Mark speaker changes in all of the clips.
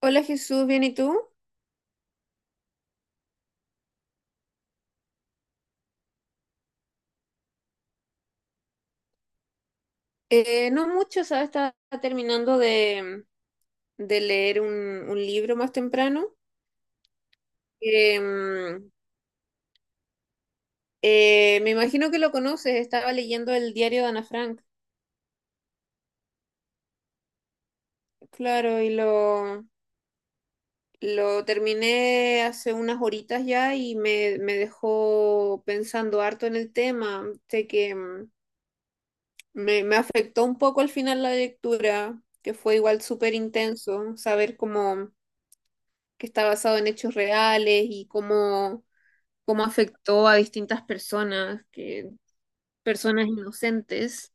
Speaker 1: Hola Jesús, ¿bien y tú? No mucho, ¿sabes? Estaba terminando de leer un libro más temprano. Em, Me imagino que lo conoces, estaba leyendo el diario de Ana Frank, claro, y lo terminé hace unas horitas ya y me dejó pensando harto en el tema. Sé que me afectó un poco al final la lectura, que fue igual súper intenso, saber cómo que está basado en hechos reales y cómo afectó a distintas personas, personas inocentes.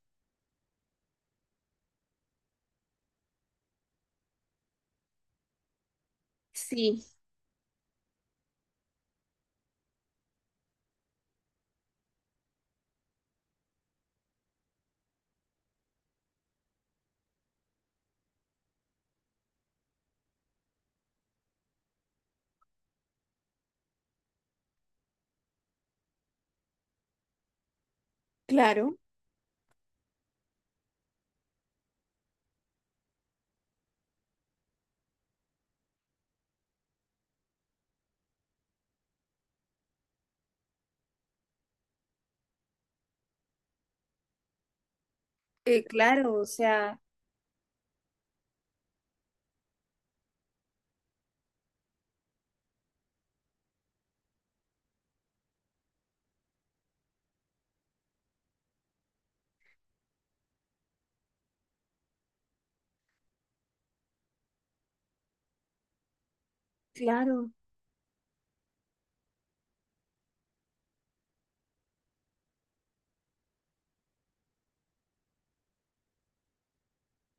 Speaker 1: Sí, claro, claro, o sea, claro.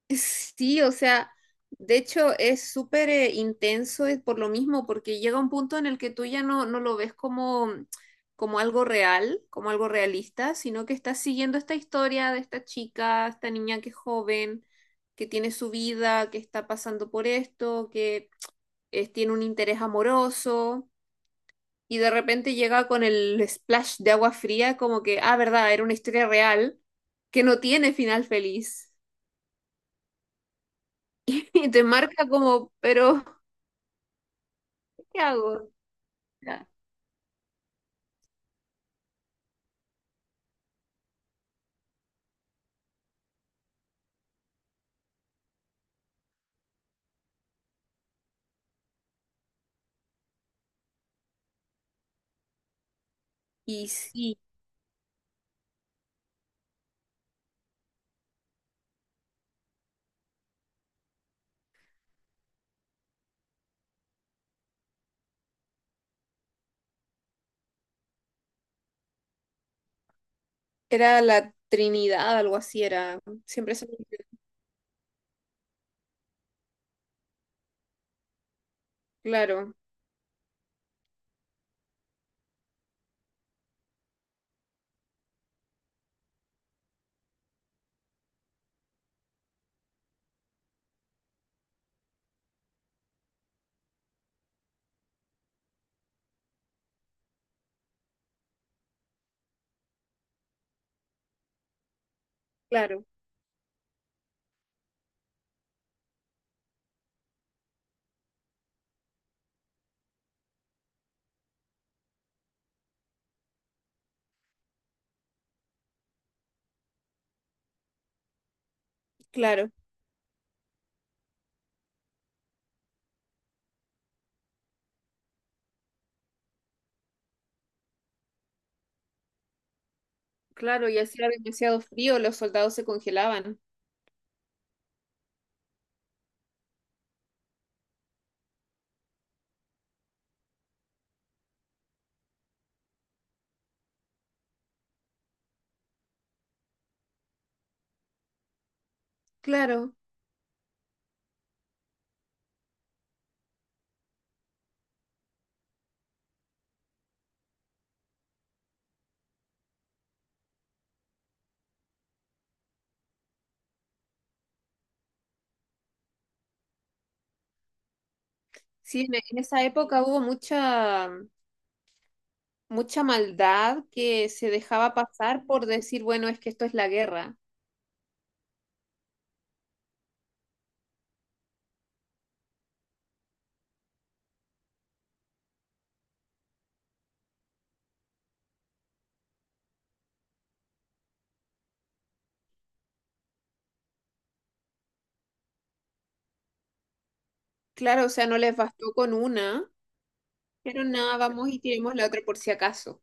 Speaker 1: Sí, o sea, de hecho es súper intenso por lo mismo, porque llega un punto en el que tú ya no lo ves como, como algo real, como algo realista, sino que estás siguiendo esta historia de esta chica, esta niña que es joven, que tiene su vida, que está pasando por esto, que tiene un interés amoroso, y de repente llega con el splash de agua fría, como que, ah, verdad, era una historia real que no tiene final feliz. Y te marca como, pero ¿qué hago? Era- Y sí, era la Trinidad, algo así era. Siempre se me olvida. Claro, claro, claro, claro. Y hacía demasiado frío, los soldados se congelaban. Claro, sí, en esa época hubo mucha maldad que se dejaba pasar por decir, bueno, es que esto es la guerra. Claro, o sea, no les bastó con una, pero nada, vamos y tiremos la otra por si acaso.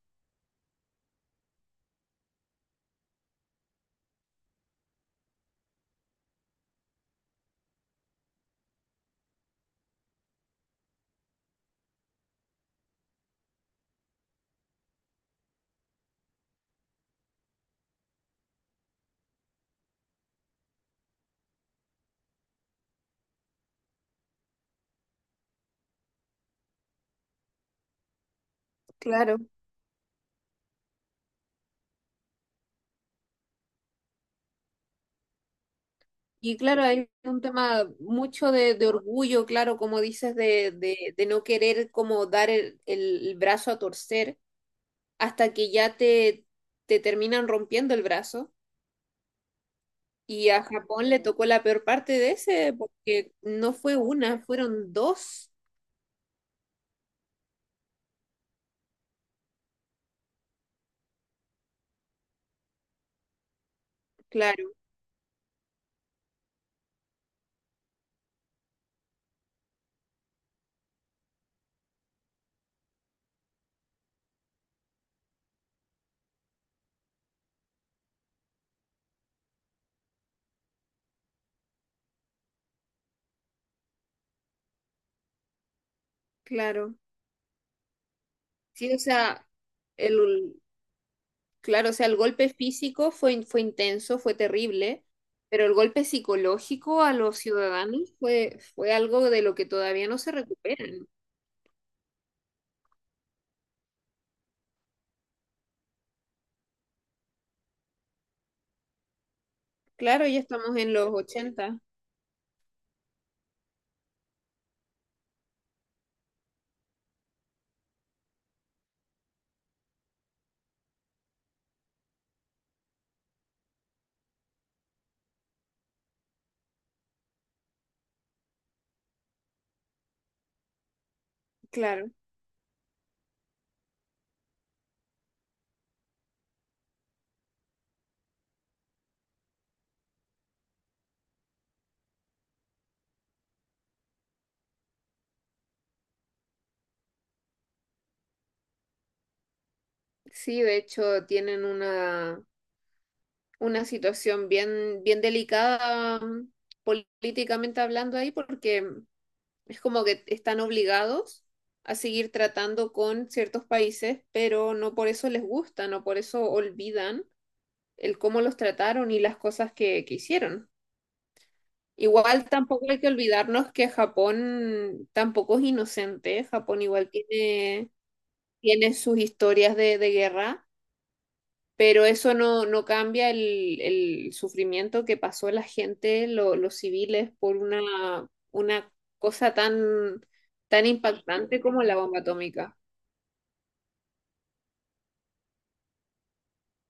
Speaker 1: Claro. Y claro, hay un tema mucho de orgullo, claro, como dices, de no querer como dar el brazo a torcer hasta que ya te terminan rompiendo el brazo. Y a Japón le tocó la peor parte de ese, porque no fue una, fueron dos. Claro, claro. Sí, o sea, el, Claro, o sea, el golpe físico fue intenso, fue terrible, pero el golpe psicológico a los ciudadanos fue algo de lo que todavía no se recuperan. Claro, ya estamos en los ochenta claro. Sí, de hecho, una situación bien delicada políticamente hablando ahí, porque es como que están obligados a seguir tratando con ciertos países, pero no por eso les gusta, no por eso olvidan el cómo los trataron y las cosas que hicieron. Igual tampoco hay que olvidarnos que Japón tampoco es inocente. Japón igual tiene sus historias de guerra, pero eso no, no cambia el sufrimiento que pasó la gente, los civiles, por una cosa tan, tan impactante como la bomba atómica.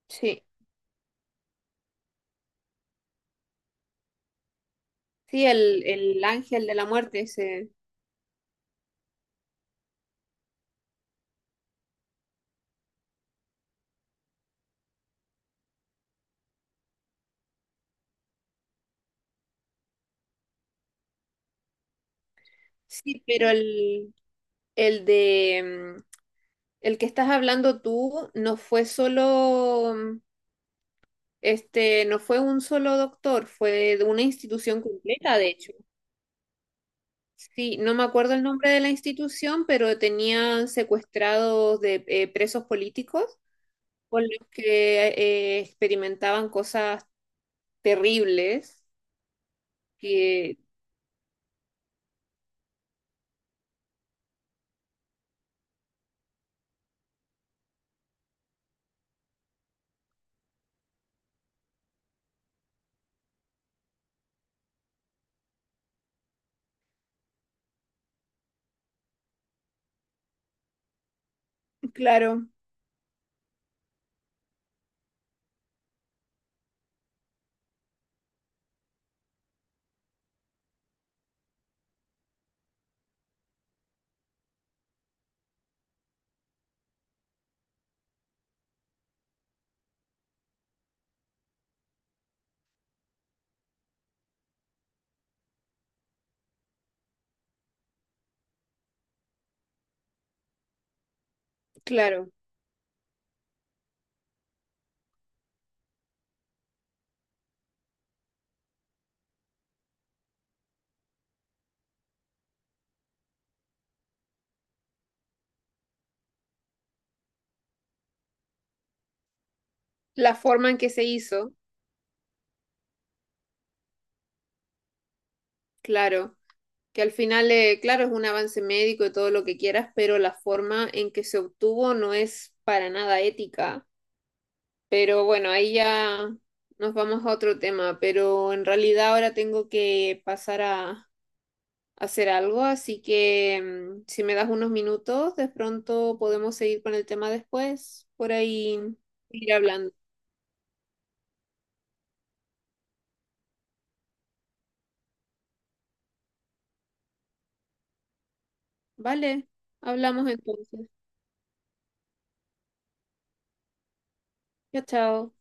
Speaker 1: Sí, sí, el ángel de la muerte ese. Sí, pero el de mm, El que estás hablando tú no fue solo, no fue un solo doctor, fue de una institución completa, de hecho. Sí, no me acuerdo el nombre de la institución, pero tenían secuestrados de presos políticos con los que experimentaban cosas terribles. Que, claro, claro. La forma en que se hizo, claro. Que al final, claro, es un avance médico y todo lo que quieras, pero la forma en que se obtuvo no es para nada ética. Pero bueno, ahí ya nos vamos a otro tema, pero en realidad ahora tengo que pasar a hacer algo, así que si me das unos minutos, de pronto podemos seguir con el tema después, por ahí ir hablando. Vale, hablamos entonces. Chao, chao.